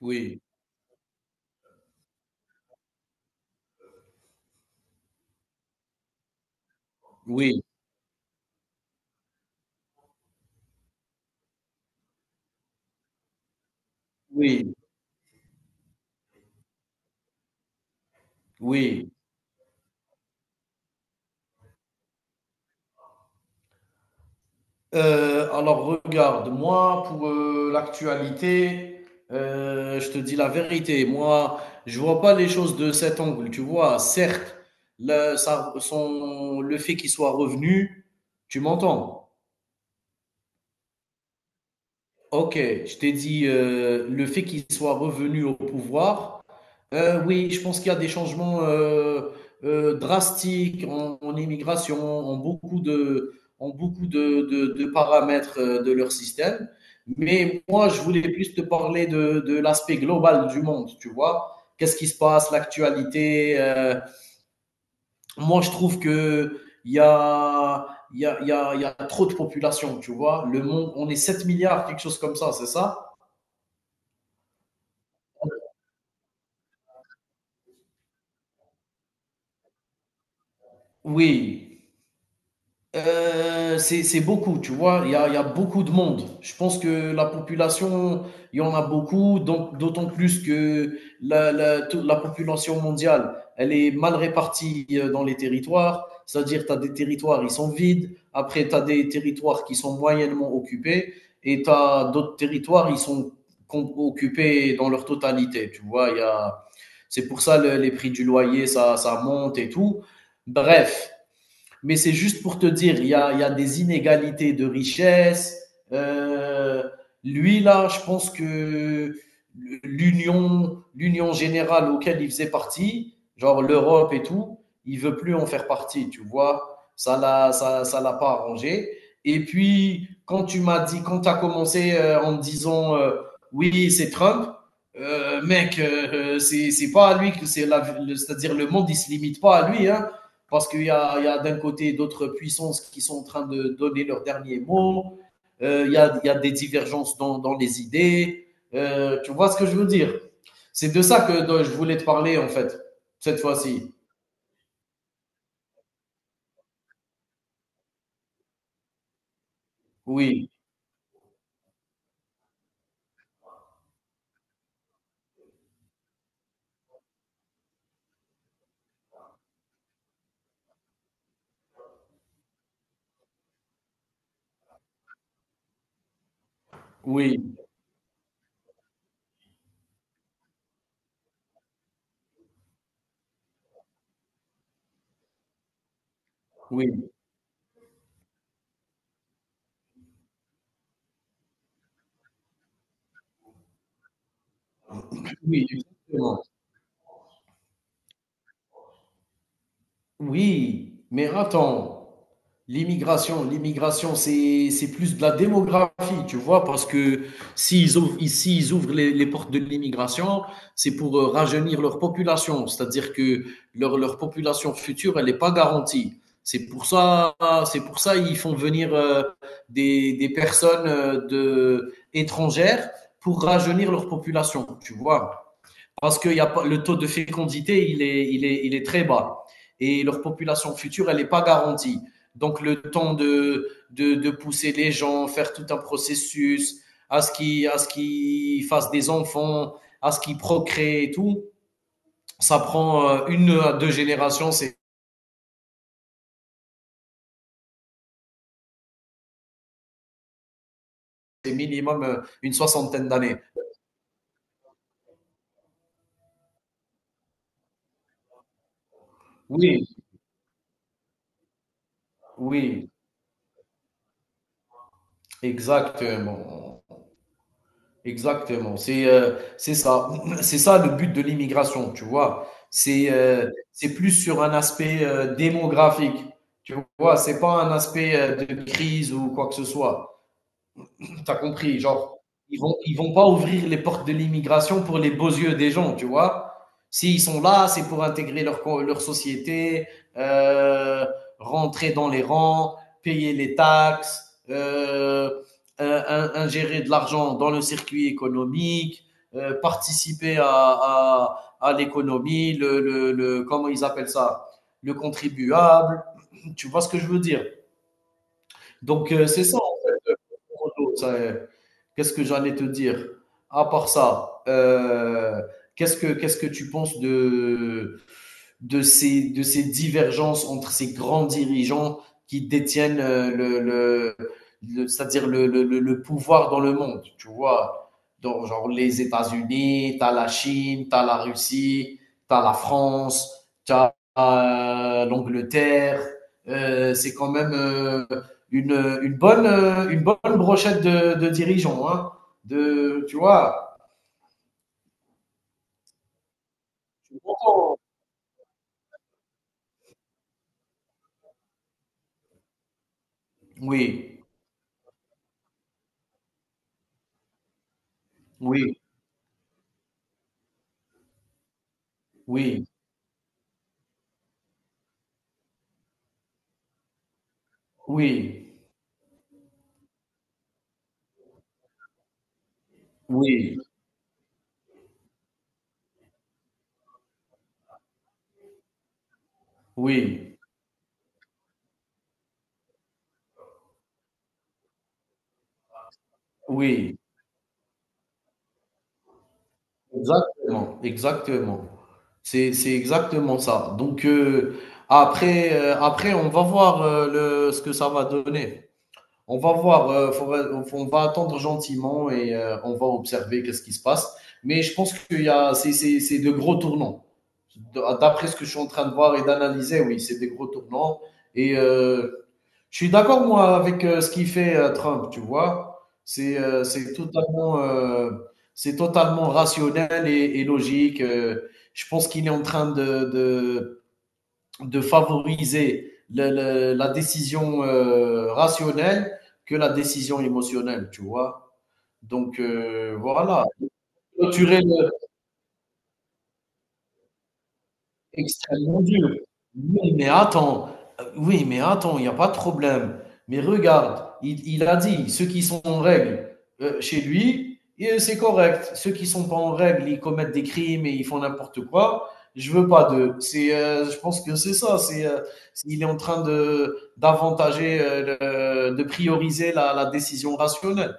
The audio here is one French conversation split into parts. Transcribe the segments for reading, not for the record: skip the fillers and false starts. Oui, oui, oui, oui. Alors regarde, moi pour, l'actualité, je te dis la vérité, moi je vois pas les choses de cet angle, tu vois? Certes, le ça son le fait qu'il soit revenu, tu m'entends? OK, je t'ai dit, le fait qu'il soit revenu au pouvoir. Oui, je pense qu'il y a des changements drastiques en immigration, en beaucoup en beaucoup de, de paramètres de leur système. Mais moi, je voulais plus te parler de l'aspect global du monde, tu vois. Qu'est-ce qui se passe, l'actualité. Moi, je trouve que il y a, il y a, il y a, il y a trop de population, tu vois. Le monde, on est 7 milliards, quelque chose comme ça, c'est ça? Oui. C'est beaucoup, tu vois. Il y a beaucoup de monde. Je pense que la population, il y en a beaucoup, donc d'autant plus que la population mondiale, elle est mal répartie dans les territoires. C'est-à-dire, tu as des territoires, ils sont vides. Après, tu as des territoires qui sont moyennement occupés. Et tu as d'autres territoires, ils sont occupés dans leur totalité, tu vois. C'est pour ça les prix du loyer, ça monte et tout. Bref. Mais c'est juste pour te dire, il y a des inégalités de richesse. Euh, Lui, là, je pense que l'union générale auquel il faisait partie, genre l'Europe et tout, il veut plus en faire partie, tu vois. Ça l'a pas arrangé. Et puis, quand tu m'as dit, quand tu as commencé en me disant, oui, c'est Trump, mec, c'est pas à lui c'est-à-dire le monde il se limite pas à lui, hein, parce il y a d'un côté d'autres puissances qui sont en train de donner leur dernier mot, il y a des divergences dans les idées. Tu vois ce que je veux dire. C'est de ça que dont je voulais te parler, en fait, cette fois-ci. Oui, oui, oui, oui, exactement. Oui, mais attends, l'immigration, c'est plus de la démographie, tu vois, parce que s'ils ouvrent, ici, ils ouvrent les portes de l'immigration, c'est pour rajeunir leur population, c'est-à-dire que leur population future, elle n'est pas garantie. C'est pour ça, c'est pour ça ils font venir des personnes étrangères pour rajeunir leur population, tu vois, parce que y a pas, le taux de fécondité, il est très bas. Et leur population future, elle n'est pas garantie. Donc, le temps pousser les gens, faire tout un processus, à ce qu'ils qu fassent des enfants, à ce qu'ils procréent et tout, ça prend 1 à 2 générations, c'est minimum une soixantaine d'années. Oui, oui, exactement. Exactement, c'est ça. C'est ça le but de l'immigration, tu vois? C'est plus sur un aspect, démographique, tu vois? C'est pas un aspect, de crise ou quoi que ce soit. T'as compris, genre, ils vont pas ouvrir les portes de l'immigration pour les beaux yeux des gens, tu vois. S'ils sont là, c'est pour intégrer leur, leur société, euh, rentrer dans les rangs, payer les taxes, ingérer de l'argent dans le circuit économique, participer à l'économie, le, comment ils appellent ça, le contribuable. Tu vois ce que je veux dire? Donc, c'est ça, en fait. Qu'est-ce que j'allais te dire? À part ça, qu'est-ce que tu penses de ces divergences entre ces grands dirigeants qui détiennent le, c'est-à-dire le pouvoir dans le monde, tu vois. Dans, genre les États-Unis, t'as la Chine, t'as la Russie, t'as la France, t'as l'Angleterre. C'est quand même une, une bonne brochette de dirigeants, hein, de, tu vois. Oui, oui, oui, oui, oui. Oui, oui, exactement, exactement. C'est exactement ça. Donc, après, on va voir ce que ça va donner. On va voir, on va attendre gentiment et on va observer qu'est-ce qui se passe. Mais je pense qu'il y a, c'est de gros tournants. D'après ce que je suis en train de voir et d'analyser, oui, c'est des gros tournants. Et je suis d'accord, moi, avec ce qu'il fait Trump, tu vois. C'est c'est totalement rationnel et logique. Je pense qu'il est en train de favoriser la décision rationnelle que la décision émotionnelle, tu vois. Donc, voilà. Clôturer. Extrêmement dur. Oui, mais attends, oui, mais attends, il y a pas de problème. Mais regarde, il a dit: «Ceux qui sont en règle, chez lui, et c'est correct. Ceux qui ne sont pas en règle, ils commettent des crimes et ils font n'importe quoi. Je veux pas d'eux». C'est, je pense que c'est ça, c'est, il est en train de d'avantager, le de prioriser la décision rationnelle.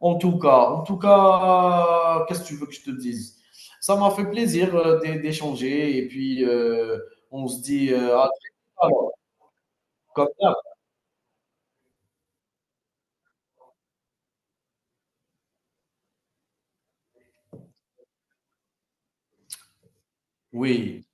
En tout cas, qu'est-ce que tu veux que je te dise? Ça m'a fait plaisir d'échanger et puis on se dit à très vite alors, comme ça. Oui,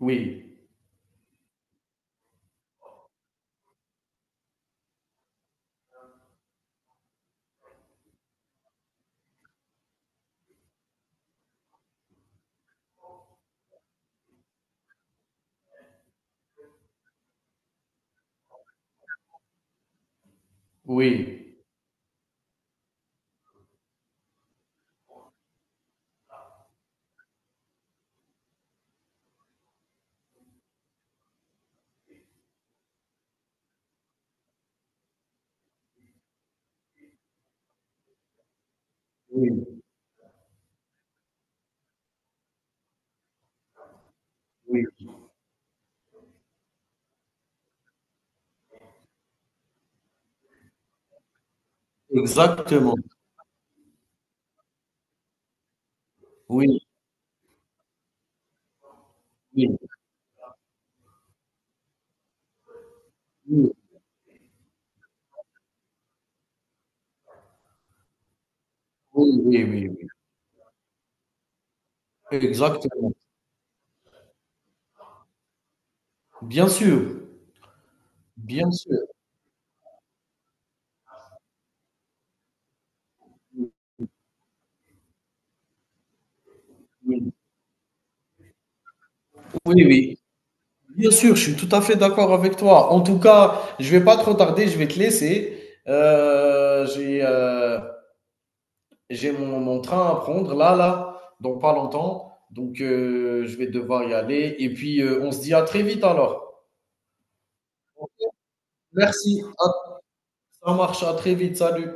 oui, oui, oui, oui, exactement. Oui, oui, oui, oui, oui, oui, oui. Exactement. Bien sûr, bien sûr. Oui, oui, oui. Bien sûr, je suis tout à fait d'accord avec toi. En tout cas, je vais pas trop tarder, je vais te laisser. Euh, j'ai euh, J'ai mon, mon train à prendre là, dans pas longtemps. Donc, je vais devoir y aller. Et puis, on se dit à très vite alors. Merci. Ça marche. À très vite. Salut.